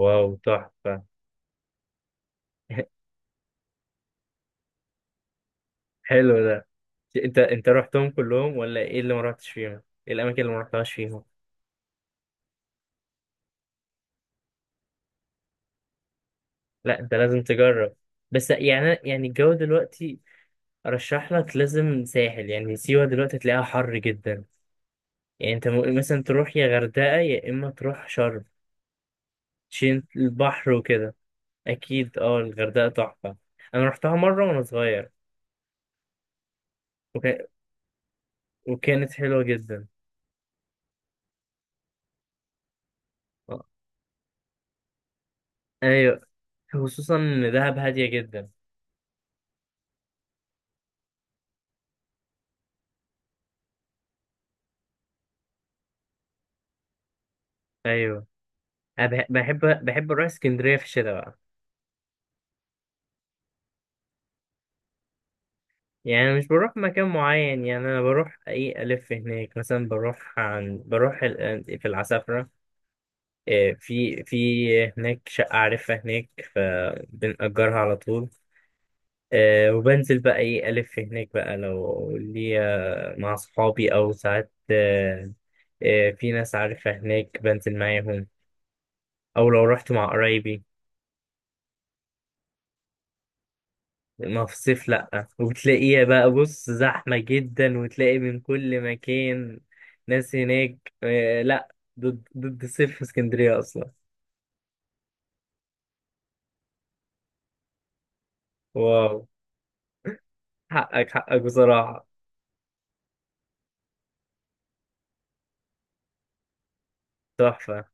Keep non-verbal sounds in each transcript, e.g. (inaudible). واو تحفة. (laughs) حلو ده. انت رحتهم كلهم ولا ايه اللي ما رحتش فيهم؟ ايه الاماكن اللي ما رحتهاش فيهم؟ لا انت لازم تجرب. بس يعني الجو دلوقتي ارشح لك لازم ساحل، يعني سيوة دلوقتي تلاقيها حر جدا. يعني انت ممكن مثلا تروح يا غردقة يا اما تروح شرم، عشان البحر وكده. اكيد اه، الغردقة تحفة. انا رحتها مرة وانا صغير. وكا- وكانت حلوة جدا. اه، ايوه، خصوصا ان دهب هادية جدا. ايوه. أنا بحب، بحب أروح اسكندرية في الشتاء بقى. يعني أنا مش بروح مكان معين، يعني أنا بروح أي ألف هناك. مثلا بروح في العسافرة. في هناك شقة عارفها هناك، فبنأجرها على طول. وبنزل بقى إيه ألف هناك بقى، لو ليا مع صحابي أو ساعات. آه. في ناس عارفها هناك بنزل معاهم، أو لو رحت مع قرايبي. ما في الصيف لأ، وتلاقيها بقى بص زحمة جدا، وتلاقي من كل مكان ناس هناك. آه، لأ. ضد الصيف في اسكندرية أصلا. واو. حقك حقك بصراحة. تحفة،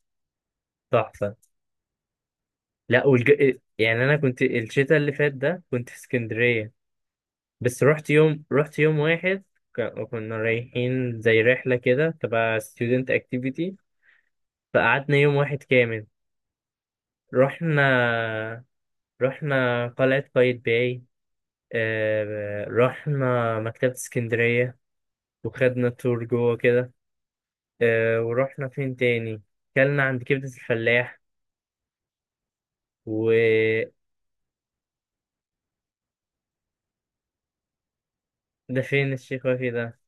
تحفة. لأ والج... آه، يعني أنا كنت الشتاء اللي فات ده كنت في اسكندرية، بس رحت يوم، رحت يوم واحد. كنا رايحين زي رحلة كده تبع student activity، فقعدنا يوم واحد كامل. رحنا رحنا قلعة قايتباي، رحنا مكتبة اسكندرية وخدنا تور جوه كده. ورحنا فين تاني؟ كلنا عند كبدة الفلاح وده. فين الشيخ وفي ده؟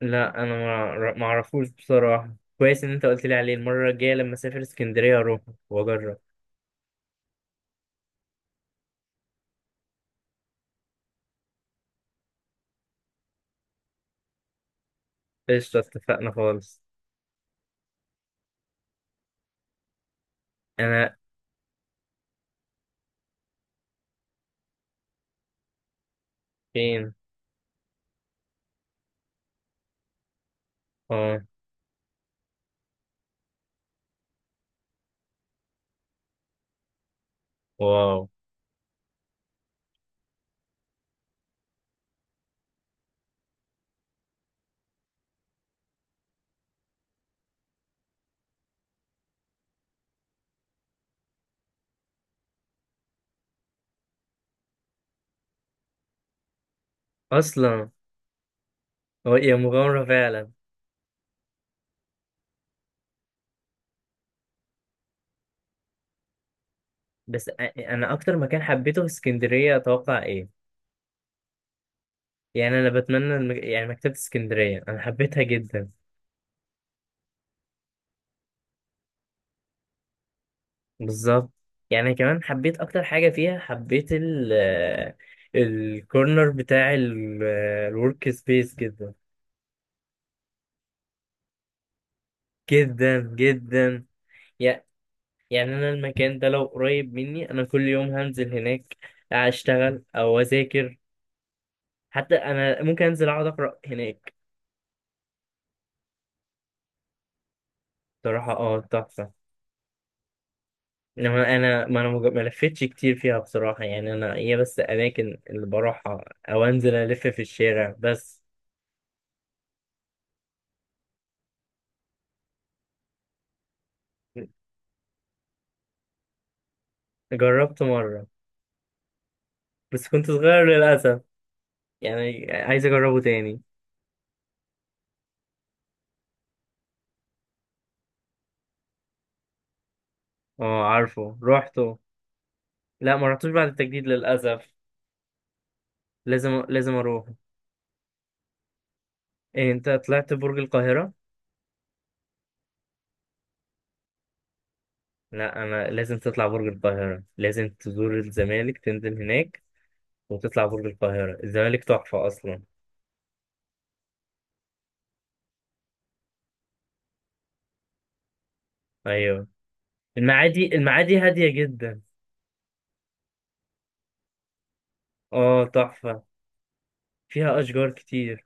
لا انا ما اعرفوش بصراحة. كويس ان انت قلت لي عليه، المرة الجاية لما اسافر اسكندرية اروح واجرب. قشطة، اتفقنا خالص. انا؟ فين؟ اه. واو. اصلا هي مغامرة فعلا. بس أ- انا اكتر مكان حبيته في اسكندرية اتوقع إيه؟ يعني انا بتمنى يعني مكتبة اسكندرية انا حبيتها جدا. بالظبط. يعني كمان حبيت اكتر حاجة فيها، حبيت الكورنر بتاع الورك سبيس جدا، جدا جدا. يع- يعني انا المكان ده لو قريب مني انا كل يوم هنزل هناك اشتغل او اذاكر، حتى انا ممكن انزل اقعد اقرا هناك. بصراحة اه، تحفة. انما انا ما انا مج- ما لفتش كتير فيها بصراحه. يعني انا هي بس اماكن اللي بروحها او انزل الف في الشارع بس. جربت مره بس كنت صغير للاسف. يعني عايز اجربه تاني. اه عارفه، روحته. لا ما رحتوش بعد التجديد للاسف. لازم لازم اروح. إيه انت طلعت برج القاهره؟ لا انا، لازم تطلع برج القاهره، لازم تزور الزمالك تنزل هناك وتطلع برج القاهره. الزمالك تحفه اصلا. ايوه. المعادي، المعادي هاديه جدا. اه تحفة، فيها أشجار كتير.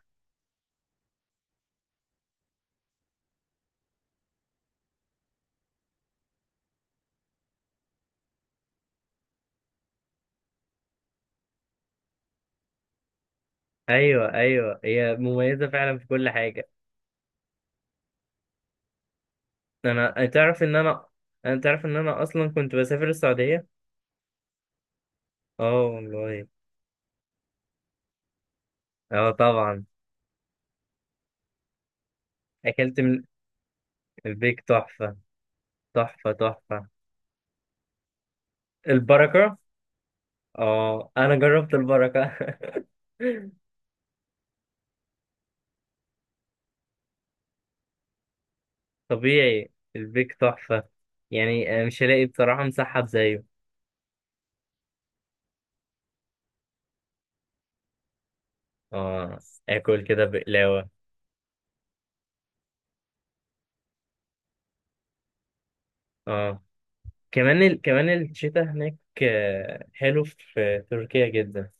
أيوة أيوة، هي مميزة فعلا في كل حاجة. أنا تعرف إن أنا أنا تعرف إن أنا أصلا كنت بسافر السعودية. اه والله. اه طبعا. أكلت من. البيك تحفة، تحفة تحفة. البركة. اه أنا جربت البركة. (laughs) طبيعي. البيك تحفة، يعني مش هلاقي بصراحة مسحب زيه. اه، آكل كده بقلاوة. اه. كمان الشتاء هناك، حلو في تركيا جدا.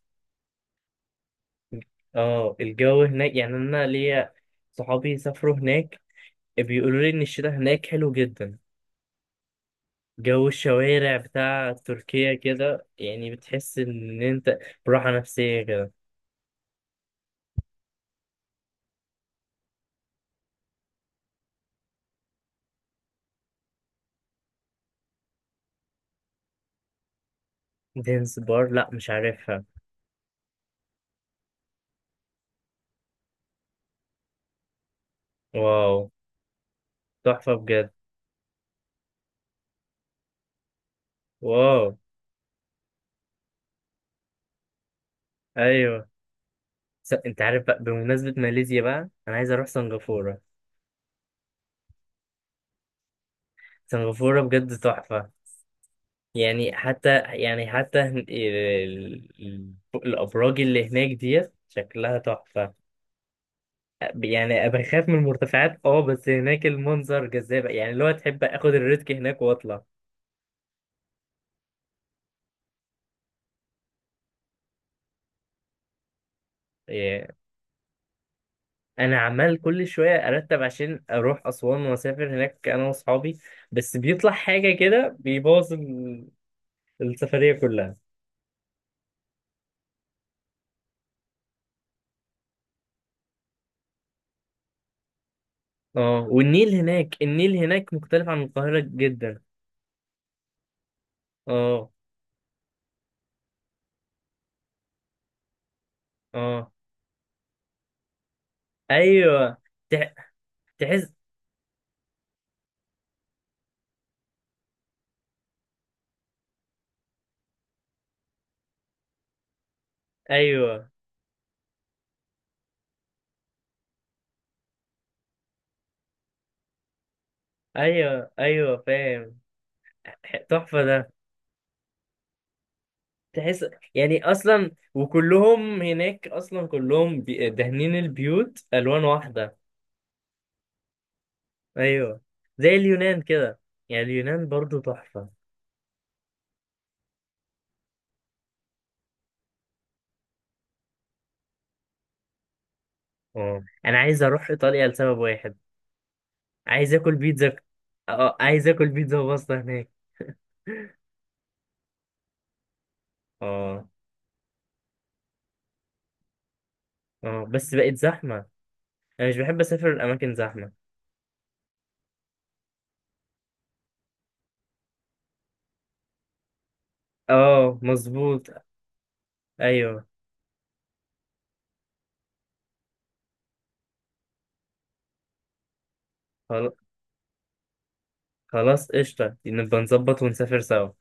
اه الجو هناك. يعني انا ليا صحابي سافروا هناك، بيقولوا لي ان الشتاء هناك حلو جدا. جو الشوارع بتاع تركيا كده، يعني بتحس ان انت براحة نفسية كده. دينس بار؟ لا مش عارفها. واو، تحفة بجد. واو. ايوه. انت عارف بقى، بمناسبة ماليزيا بقى انا عايز اروح سنغافورة. سنغافورة بجد تحفة. يعني حتى، يعني حتى الأبراج اللي هناك ديت شكلها تحفة. يعني بخاف من المرتفعات اه، بس هناك المنظر جذاب، يعني اللي هو تحب اخد الريسك هناك واطلع. إيه. انا عمال كل شوية ارتب عشان اروح اسوان واسافر هناك انا واصحابي، بس بيطلع حاجة كده بيبوظ السفرية كلها. اه، والنيل هناك، النيل هناك مختلف عن القاهرة جدا. اه. اه. ايوه. تح- تحس. ايوه ايوه ايوه فاهم. تحفه ده، تحس. يعني اصلا وكلهم هناك اصلا كلهم دهنين البيوت الوان واحده. ايوه، زي اليونان كده. يعني اليونان برضو تحفه. اه، انا عايز اروح ايطاليا لسبب واحد، عايز اكل بيتزا. اه عايز اكل بيتزا وباستا هناك. اه. اه بس بقت زحمه، انا مش بحب اسافر الاماكن زحمه. اه مظبوط. ايوه. خل- خلاص قشطه، نبقى نظبط ونسافر سوا.